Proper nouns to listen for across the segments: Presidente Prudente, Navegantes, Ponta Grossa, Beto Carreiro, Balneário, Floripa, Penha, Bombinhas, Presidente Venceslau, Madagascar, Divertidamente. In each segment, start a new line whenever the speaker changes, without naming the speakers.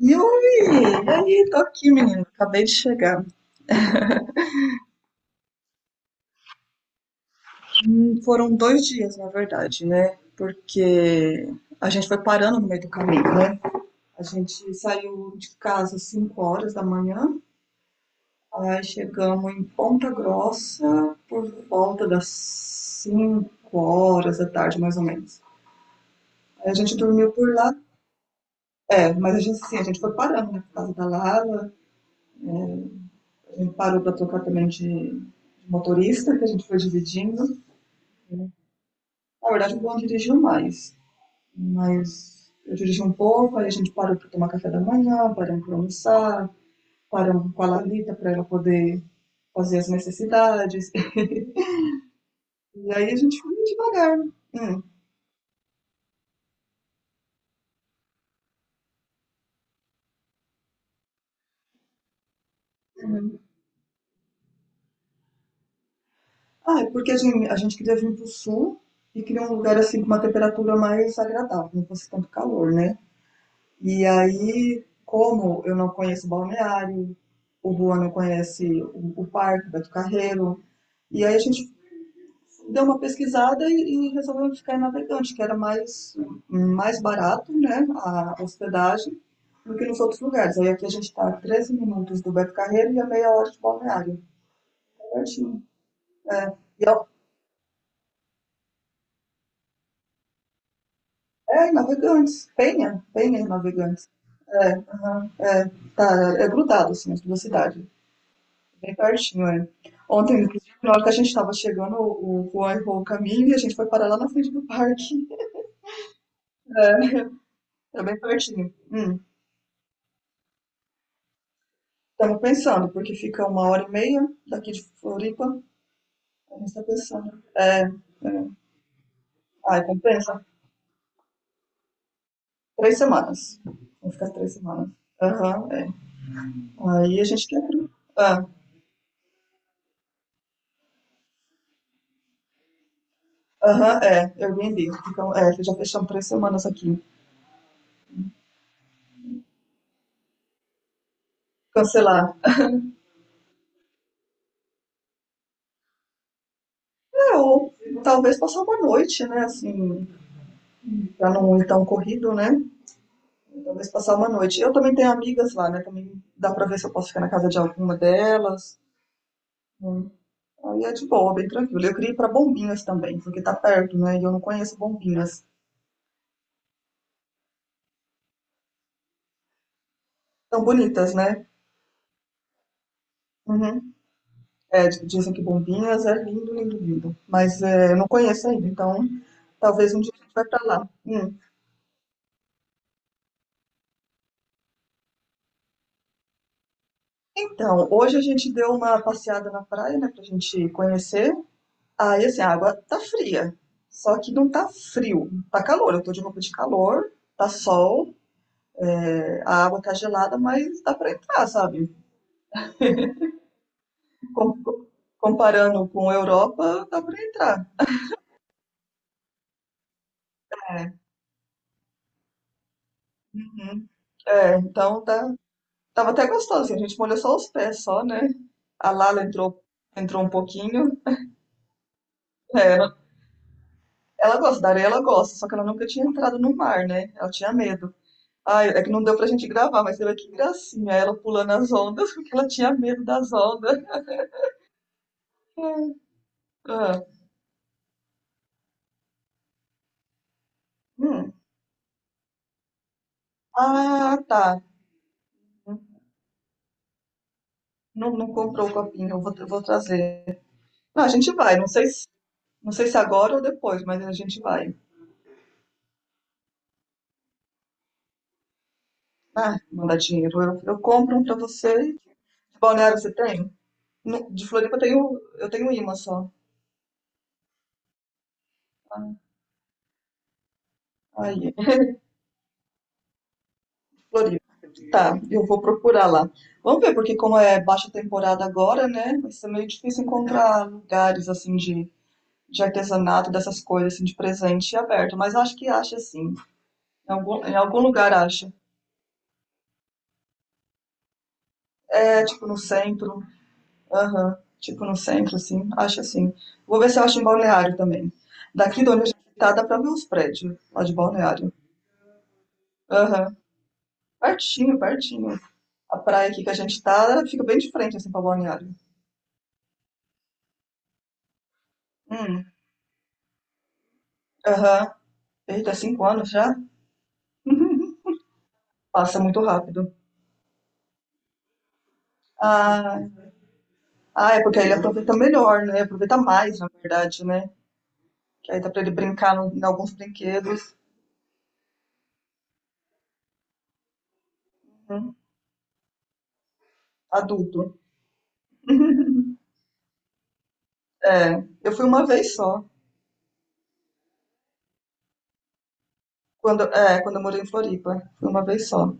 Yuri, e aí, tô aqui, menino. Acabei de chegar. Foram 2 dias, na verdade, né? Porque a gente foi parando no meio do caminho, né? A gente saiu de casa às 5 horas da manhã, aí chegamos em Ponta Grossa por volta das 5 horas da tarde, mais ou menos. Aí a gente dormiu por lá. É, mas a gente foi parando na casa da Lara, a gente parou pra trocar também de motorista, que a gente foi dividindo. Na verdade, eu não dirigiu mais, mas eu dirigi um pouco, aí a gente parou para tomar café da manhã, paramos para almoçar, paramos com a Lalita para ela poder fazer as necessidades. E aí a gente foi devagar. Hum. Uhum. Ah, é porque a gente queria vir para o sul e queria um lugar assim com uma temperatura mais agradável, não fosse tanto calor, né? E aí, como eu não conheço o balneário, o Juan não conhece o parque, o Beto Carreiro, e aí a gente deu uma pesquisada e resolveu ficar em Navegante, que era mais barato, né, a hospedagem do que nos outros lugares. Aí aqui a gente está a 13 minutos do Beto Carreiro e a meia hora de balneário. Tá pertinho. É. E ao- é, Navegantes, Penha, Penha em Navegantes. É, aham, é, tá, é grudado, assim, as duas cidades, bem pertinho, é. Ontem, inclusive, na hora que a gente estava chegando, o Juan errou o caminho e a gente foi parar lá na frente do parque, é é bem pertinho. Hum. Estamos pensando, porque fica uma hora e meia daqui de Floripa. A gente está pensando. É, ai, compensa? 3 semanas. Vamos ficar 3 semanas. Aham, é. Aí a gente quer. Ah, aham, é. Eu entendi. Então, é, já fechamos 3 semanas aqui. Cancelar. É, ou talvez passar uma noite, né? Assim, pra não ir tão corrido, né? Talvez passar uma noite. Eu também tenho amigas lá, né? Também dá pra ver se eu posso ficar na casa de alguma delas. Aí é de boa, bem tranquilo. Eu queria ir pra Bombinhas também, porque tá perto, né? E eu não conheço Bombinhas. Tão bonitas, né? Uhum. É, dizem que Bombinhas é lindo, lindo, lindo. Mas é, eu não conheço ainda, então talvez um dia a gente vai pra lá. Hum. Então, hoje a gente deu uma passeada na praia, né? Pra gente conhecer. Aí, assim, a água tá fria. Só que não tá frio. Tá calor, eu tô de roupa de calor, tá sol, é, a água tá gelada, mas dá pra entrar, sabe? com- comparando com a Europa, dá pra entrar. É. Uhum. É, então tá, tava até gostosinho. A gente molhou só os pés, só, né? A Lala entrou um pouquinho. É, ela gosta, da areia ela gosta, só que ela nunca tinha entrado no mar, né? Ela tinha medo. Ai, é que não deu pra gente gravar, mas você vê que gracinha ela pulando as ondas, porque ela tinha medo das ondas. É. Ah, hum. Ah, tá. Não, não comprou o copinho, eu vou trazer. Não, a gente vai, não sei se agora ou depois, mas a gente vai. Ah, mandar dinheiro. Eu compro um pra você. De Balneário você tem? De Floripa eu tenho imã só. Ah, aí, Floripa. Tá, eu vou procurar lá. Vamos ver, porque como é baixa temporada agora, né? Vai ser meio difícil encontrar lugares assim de artesanato, dessas coisas assim, de presente aberto. Mas acho que acha sim. Em algum lugar acha. É tipo no centro. Aham. Tipo no centro, assim. Acho assim. Vou ver se eu acho em Balneário também. Daqui de onde a gente tá, dá pra ver os prédios lá de Balneário. Aham. Pertinho, pertinho. A praia aqui que a gente tá ela fica bem de frente, assim, pra Balneário. Hum. Aham. Eita, 5 anos já? Passa muito rápido. Ah, ah, é porque aí ele aproveita melhor, né? Aproveita mais, na verdade, né? Que aí dá pra ele brincar em alguns brinquedos. Uhum. Adulto. É, eu fui uma vez só. Quando eu morei em Floripa. Fui uma vez só.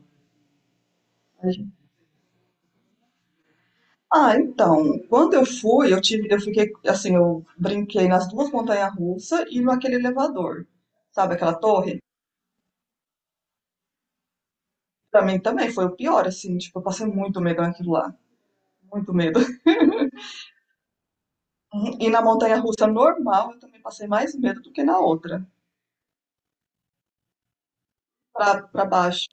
Ah, então, quando eu fui, eu fiquei assim, eu brinquei nas duas montanhas-russas e naquele elevador, sabe aquela torre? Pra mim também foi o pior, assim, tipo, eu passei muito medo naquilo lá, muito medo. Uhum. E na montanha-russa normal, eu também passei mais medo do que na outra, pra baixo.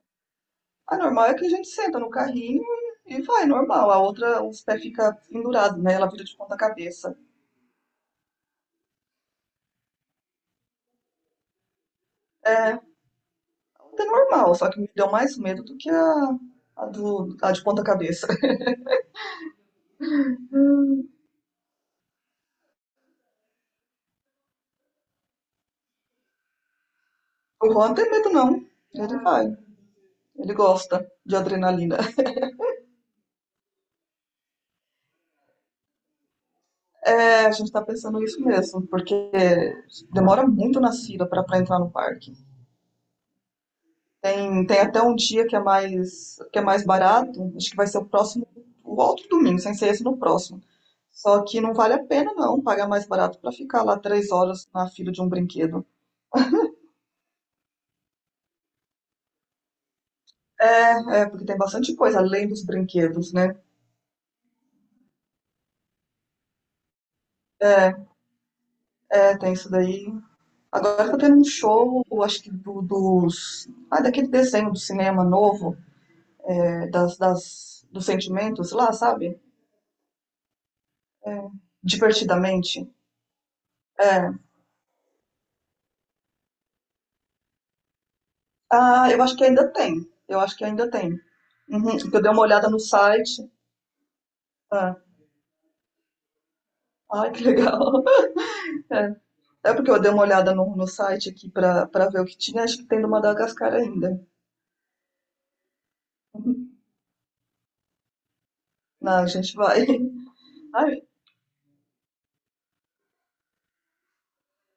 A normal é que a gente senta no carrinho e vai, normal. A outra, os pés ficam pendurados, né? Ela vira de ponta cabeça. É, a outra é normal, só que me deu mais medo do que a de ponta cabeça. O Juan não tem medo, não. Ele vai. Ele gosta de adrenalina. É, a gente tá pensando isso mesmo, porque demora muito na fila pra entrar no parque. Tem até um dia que é mais barato. Acho que vai ser o próximo, o outro domingo, sem ser esse no próximo. Só que não vale a pena não pagar mais barato pra ficar lá 3 horas na fila de um brinquedo. É, porque tem bastante coisa além dos brinquedos, né? É, tem isso daí. Agora tá tendo um show, acho que do, dos. Ah, daquele desenho do cinema novo, é, dos sentimentos lá, sabe? Divertidamente. É. Ah, eu acho que ainda tem. Eu acho que ainda tem. Uhum, porque eu dei uma olhada no site. Ah, ai, que legal. É, é porque eu dei uma olhada no site aqui pra ver o que tinha. Acho que tem do Madagascar ainda. Ah, a gente vai. Ai,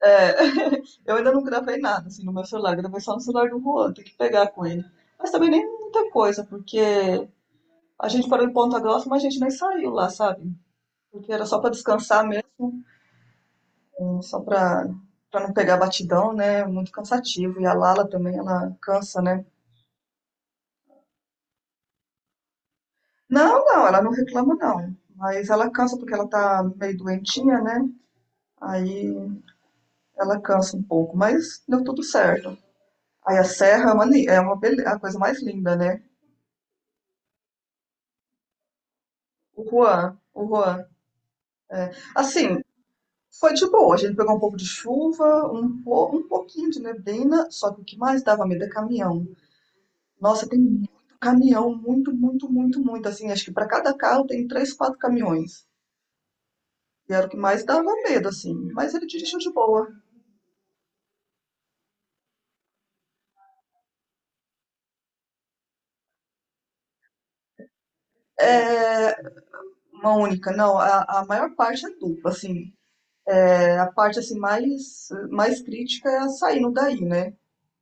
é, eu ainda não gravei nada assim no meu celular, gravei só no celular do Juan, tem que pegar com ele. Mas também nem muita coisa, porque a gente parou em Ponta Grossa, mas a gente nem saiu lá, sabe? Porque era só pra descansar mesmo, só pra para não pegar batidão, né? Muito cansativo. E a Lala também, ela cansa, né? Não, não, ela não reclama não, mas ela cansa porque ela tá meio doentinha, né? Aí ela cansa um pouco, mas deu tudo certo. Aí a serra é uma, ni- é uma bele- a coisa mais linda, né? O Juan, o Juan. Assim, foi de boa. A gente pegou um pouco de chuva, um pouquinho de neblina, só que o que mais dava medo é caminhão. Nossa, tem muito caminhão, muito, muito, muito, muito. Assim, acho que para cada carro tem três, quatro caminhões. E era o que mais dava medo, assim. Mas ele dirigiu de boa. É uma única, não. A maior parte é dupla, assim. É, a parte assim mais crítica é a saindo daí, né?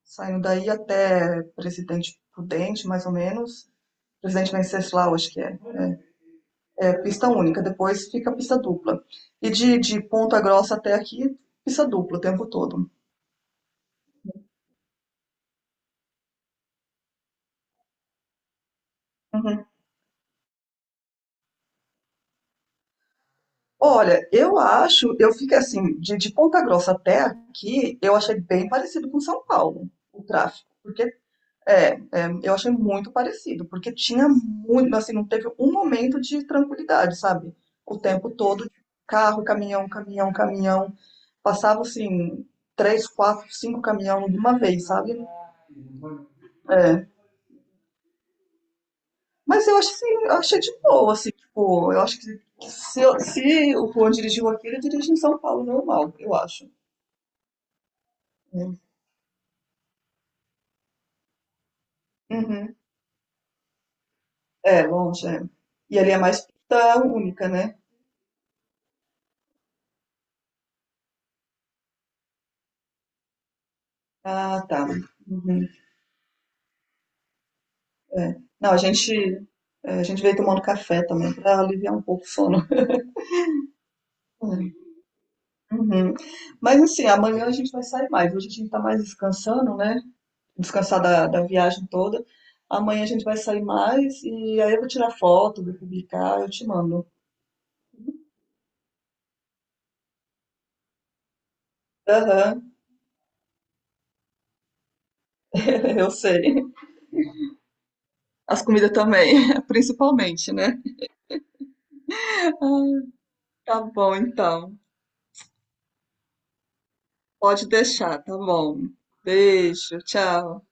Saindo daí até Presidente Prudente, mais ou menos. Presidente Venceslau, acho que é. É pista única, depois fica pista dupla. E de Ponta Grossa até aqui, pista dupla o tempo todo. Uhum. Olha, eu acho, eu fico assim, de Ponta Grossa até aqui, eu achei bem parecido com São Paulo, o tráfego. Porque é, é, eu achei muito parecido, porque tinha muito, assim, não teve um momento de tranquilidade, sabe? O tempo todo, carro, caminhão, caminhão, caminhão. Passava assim, três, quatro, cinco caminhão de uma vez, sabe? É, mas eu acho assim, eu achei de boa, assim, tipo, eu acho que se o Juan dirigiu aqui, ele dirige em São Paulo normal, eu acho. Né? Uhum. É, longe, é. E ali é mais pista única, né? Ah, tá. Uhum, é. Não, a gente veio tomando café também para aliviar um pouco o sono. É. Uhum. Mas assim, amanhã a gente vai sair mais. Hoje a gente tá mais descansando, né? Descansar da viagem toda. Amanhã a gente vai sair mais e aí eu vou tirar foto, vou publicar, eu te mando. Aham, eu sei. As comidas também, principalmente, né? Tá bom, então. Pode deixar, tá bom. Beijo, tchau.